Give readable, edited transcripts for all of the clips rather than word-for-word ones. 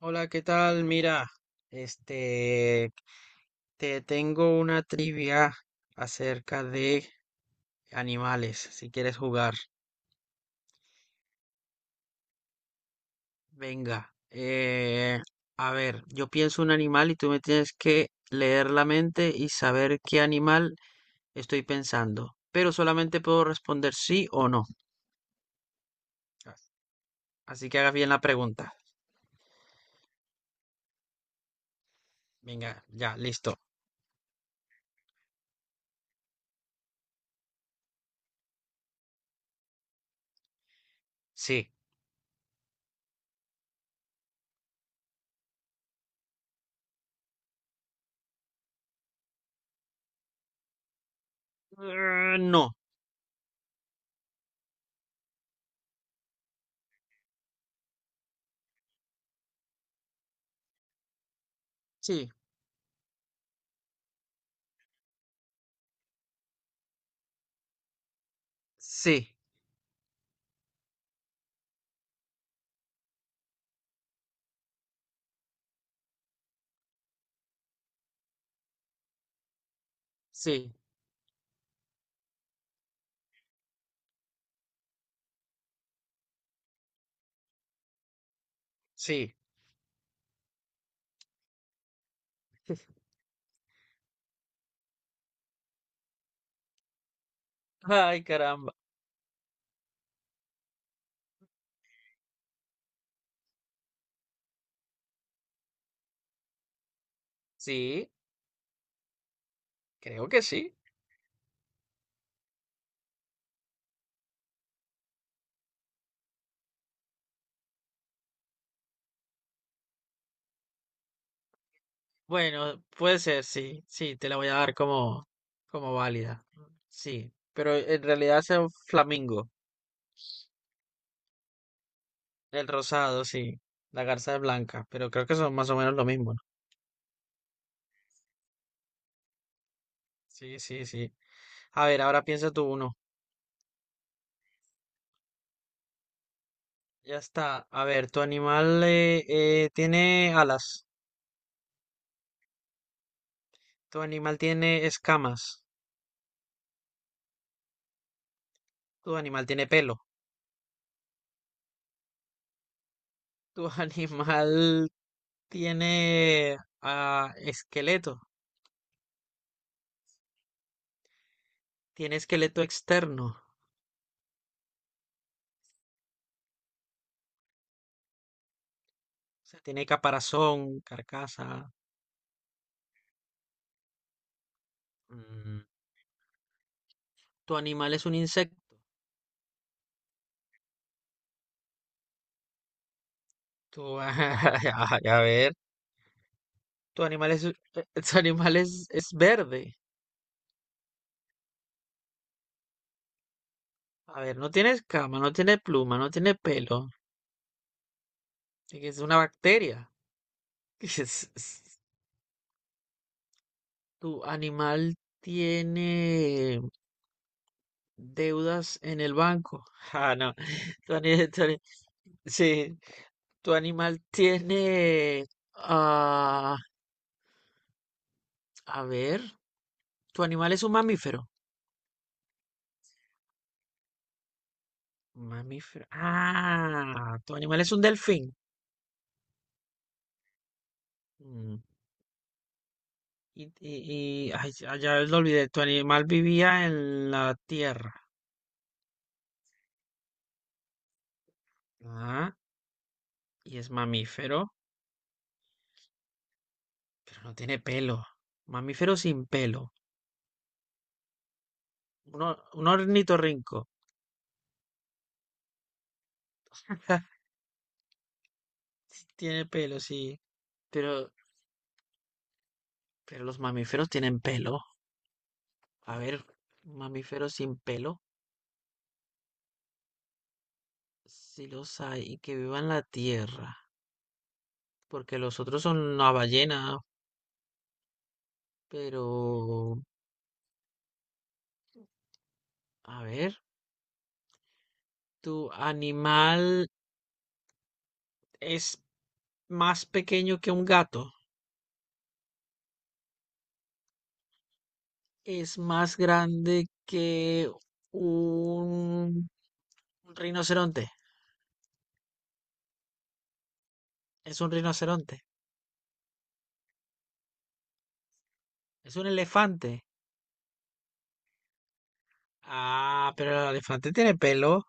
Hola, ¿qué tal? Mira, este, te tengo una trivia acerca de animales, si quieres jugar. Venga, a ver, yo pienso un animal y tú me tienes que leer la mente y saber qué animal estoy pensando, pero solamente puedo responder sí o no. Así que hagas bien la pregunta. Venga, ya, listo. Sí. No. Sí. Sí. Sí. Sí. Ay, caramba. Sí, creo que sí. Bueno, puede ser, sí, sí, te la voy a dar como, como válida. Sí, pero en realidad es el flamingo, el rosado, sí, la garza es blanca, pero creo que son más o menos lo mismo, ¿no? Sí, sí, sí. A ver, ahora piensa tú uno. Ya está. A ver, tu animal tiene alas, tu animal tiene escamas, tu animal tiene pelo, tu animal tiene esqueleto, tiene esqueleto externo. Sea, tiene caparazón, carcasa. Mm, Tu animal es un insecto. Ay, a ver, tu animal es, es verde. A ver, no tiene escama, no tiene pluma, no tiene pelo. Es una bacteria. Es- es- Tu animal tiene deudas en el banco. Ah, no. Tu ani- tu ani- sí, tu animal tiene... ah, a ver, tu animal es un mamífero. Mamífero. Ah, tu animal es un delfín. Mm. Ay, ya lo olvidé. Tu animal vivía en la tierra. Ah, y es mamífero, pero no tiene pelo. Mamífero sin pelo. Un ornitorrinco. Sí, tiene pelo, sí. Pero, pero los mamíferos tienen pelo. A ver, mamíferos sin pelo. Sí los hay y que vivan la tierra. Porque los otros son una ballena. Pero, a ver. ¿Tu animal es más pequeño que un gato? ¿Es más grande que un rinoceronte? Es un rinoceronte. Es un elefante. Ah, pero el elefante tiene pelo,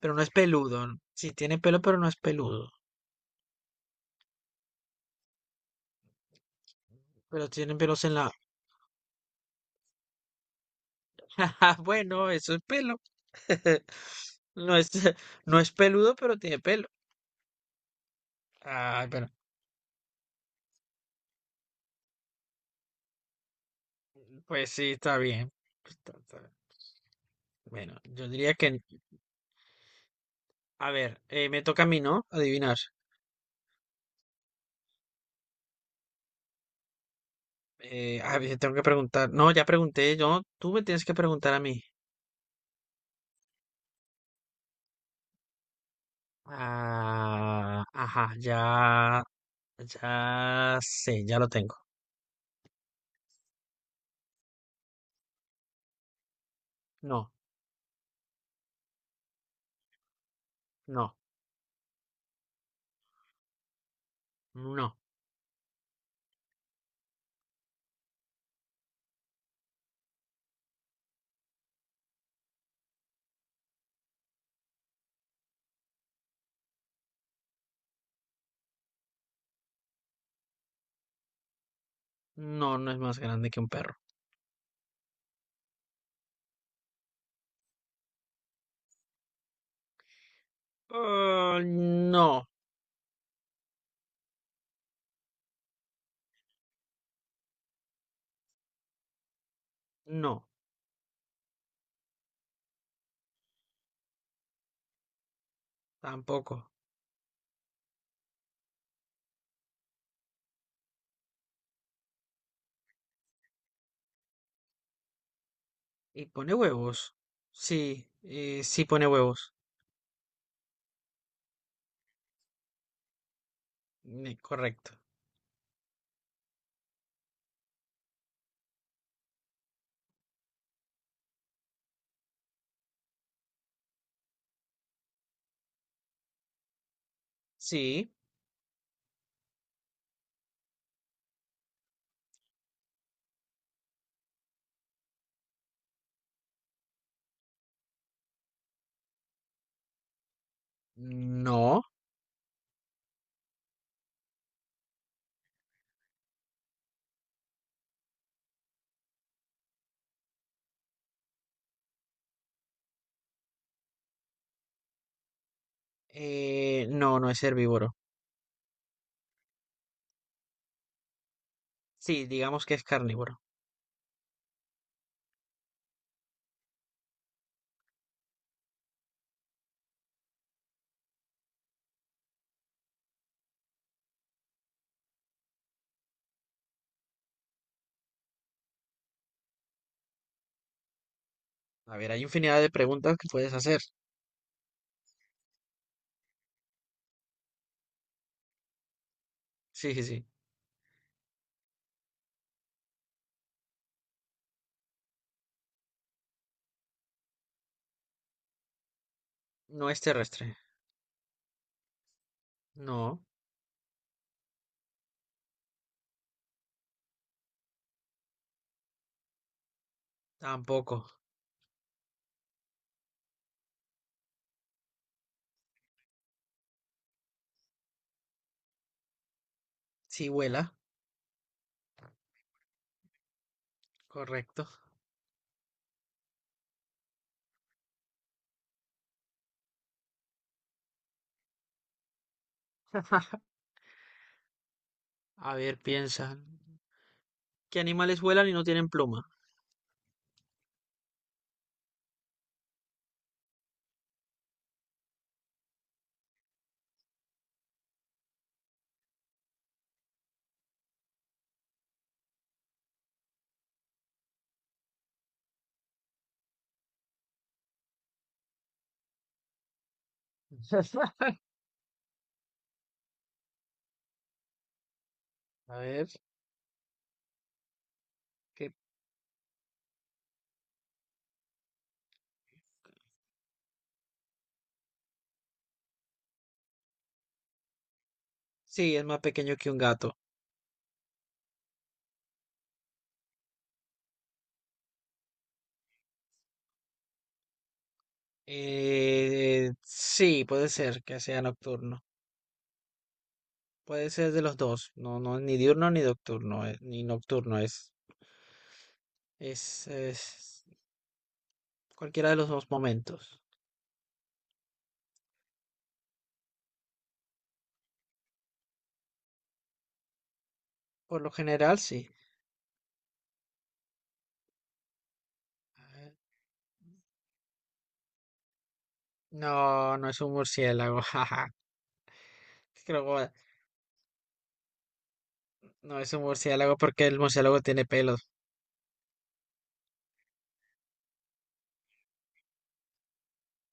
pero no es peludo. Sí, tiene pelo, pero no es peludo. Pero tiene pelos en la... Bueno, eso es pelo. No es, no es peludo, pero tiene pelo. Ay, pero... Pues sí, está bien. Está bien. Bueno, yo diría que a ver, me toca a mí, ¿no? Adivinar. A ver, tengo que preguntar. No, ya pregunté yo. Tú me tienes que preguntar a mí. Ah, ajá, ya, ya sé, ya lo tengo. No, no, no, no, no es más grande que un perro. Ah, no, no, tampoco. ¿Y pone huevos? Sí, sí pone huevos. Correcto. Sí, no, no, no es herbívoro. Sí, digamos que es carnívoro. A ver, hay infinidad de preguntas que puedes hacer. Sí, sí, sí. No es terrestre. No, tampoco. Sí vuela. Correcto. A ver, piensa. ¿Qué animales vuelan y no tienen pluma? A ver, ¿qué? Sí, es más pequeño que un gato. Sí, puede ser que sea nocturno. Puede ser de los dos, no, no, ni diurno ni nocturno, ni nocturno es, es cualquiera de los dos momentos. Por lo general, sí. Eh, No, no es un murciélago, jaja. Creo que no es un murciélago porque el murciélago tiene pelos,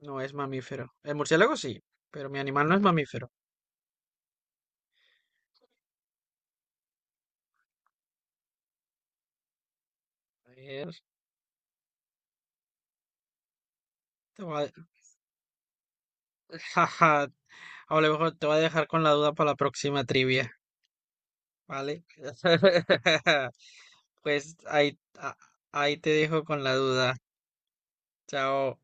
no es mamífero. El murciélago sí, pero mi animal no es mamífero. A ver, te voy a- jaja, a lo mejor te voy a dejar con la duda para la próxima trivia. Vale. Pues ahí, ahí te dejo con la duda. Chao.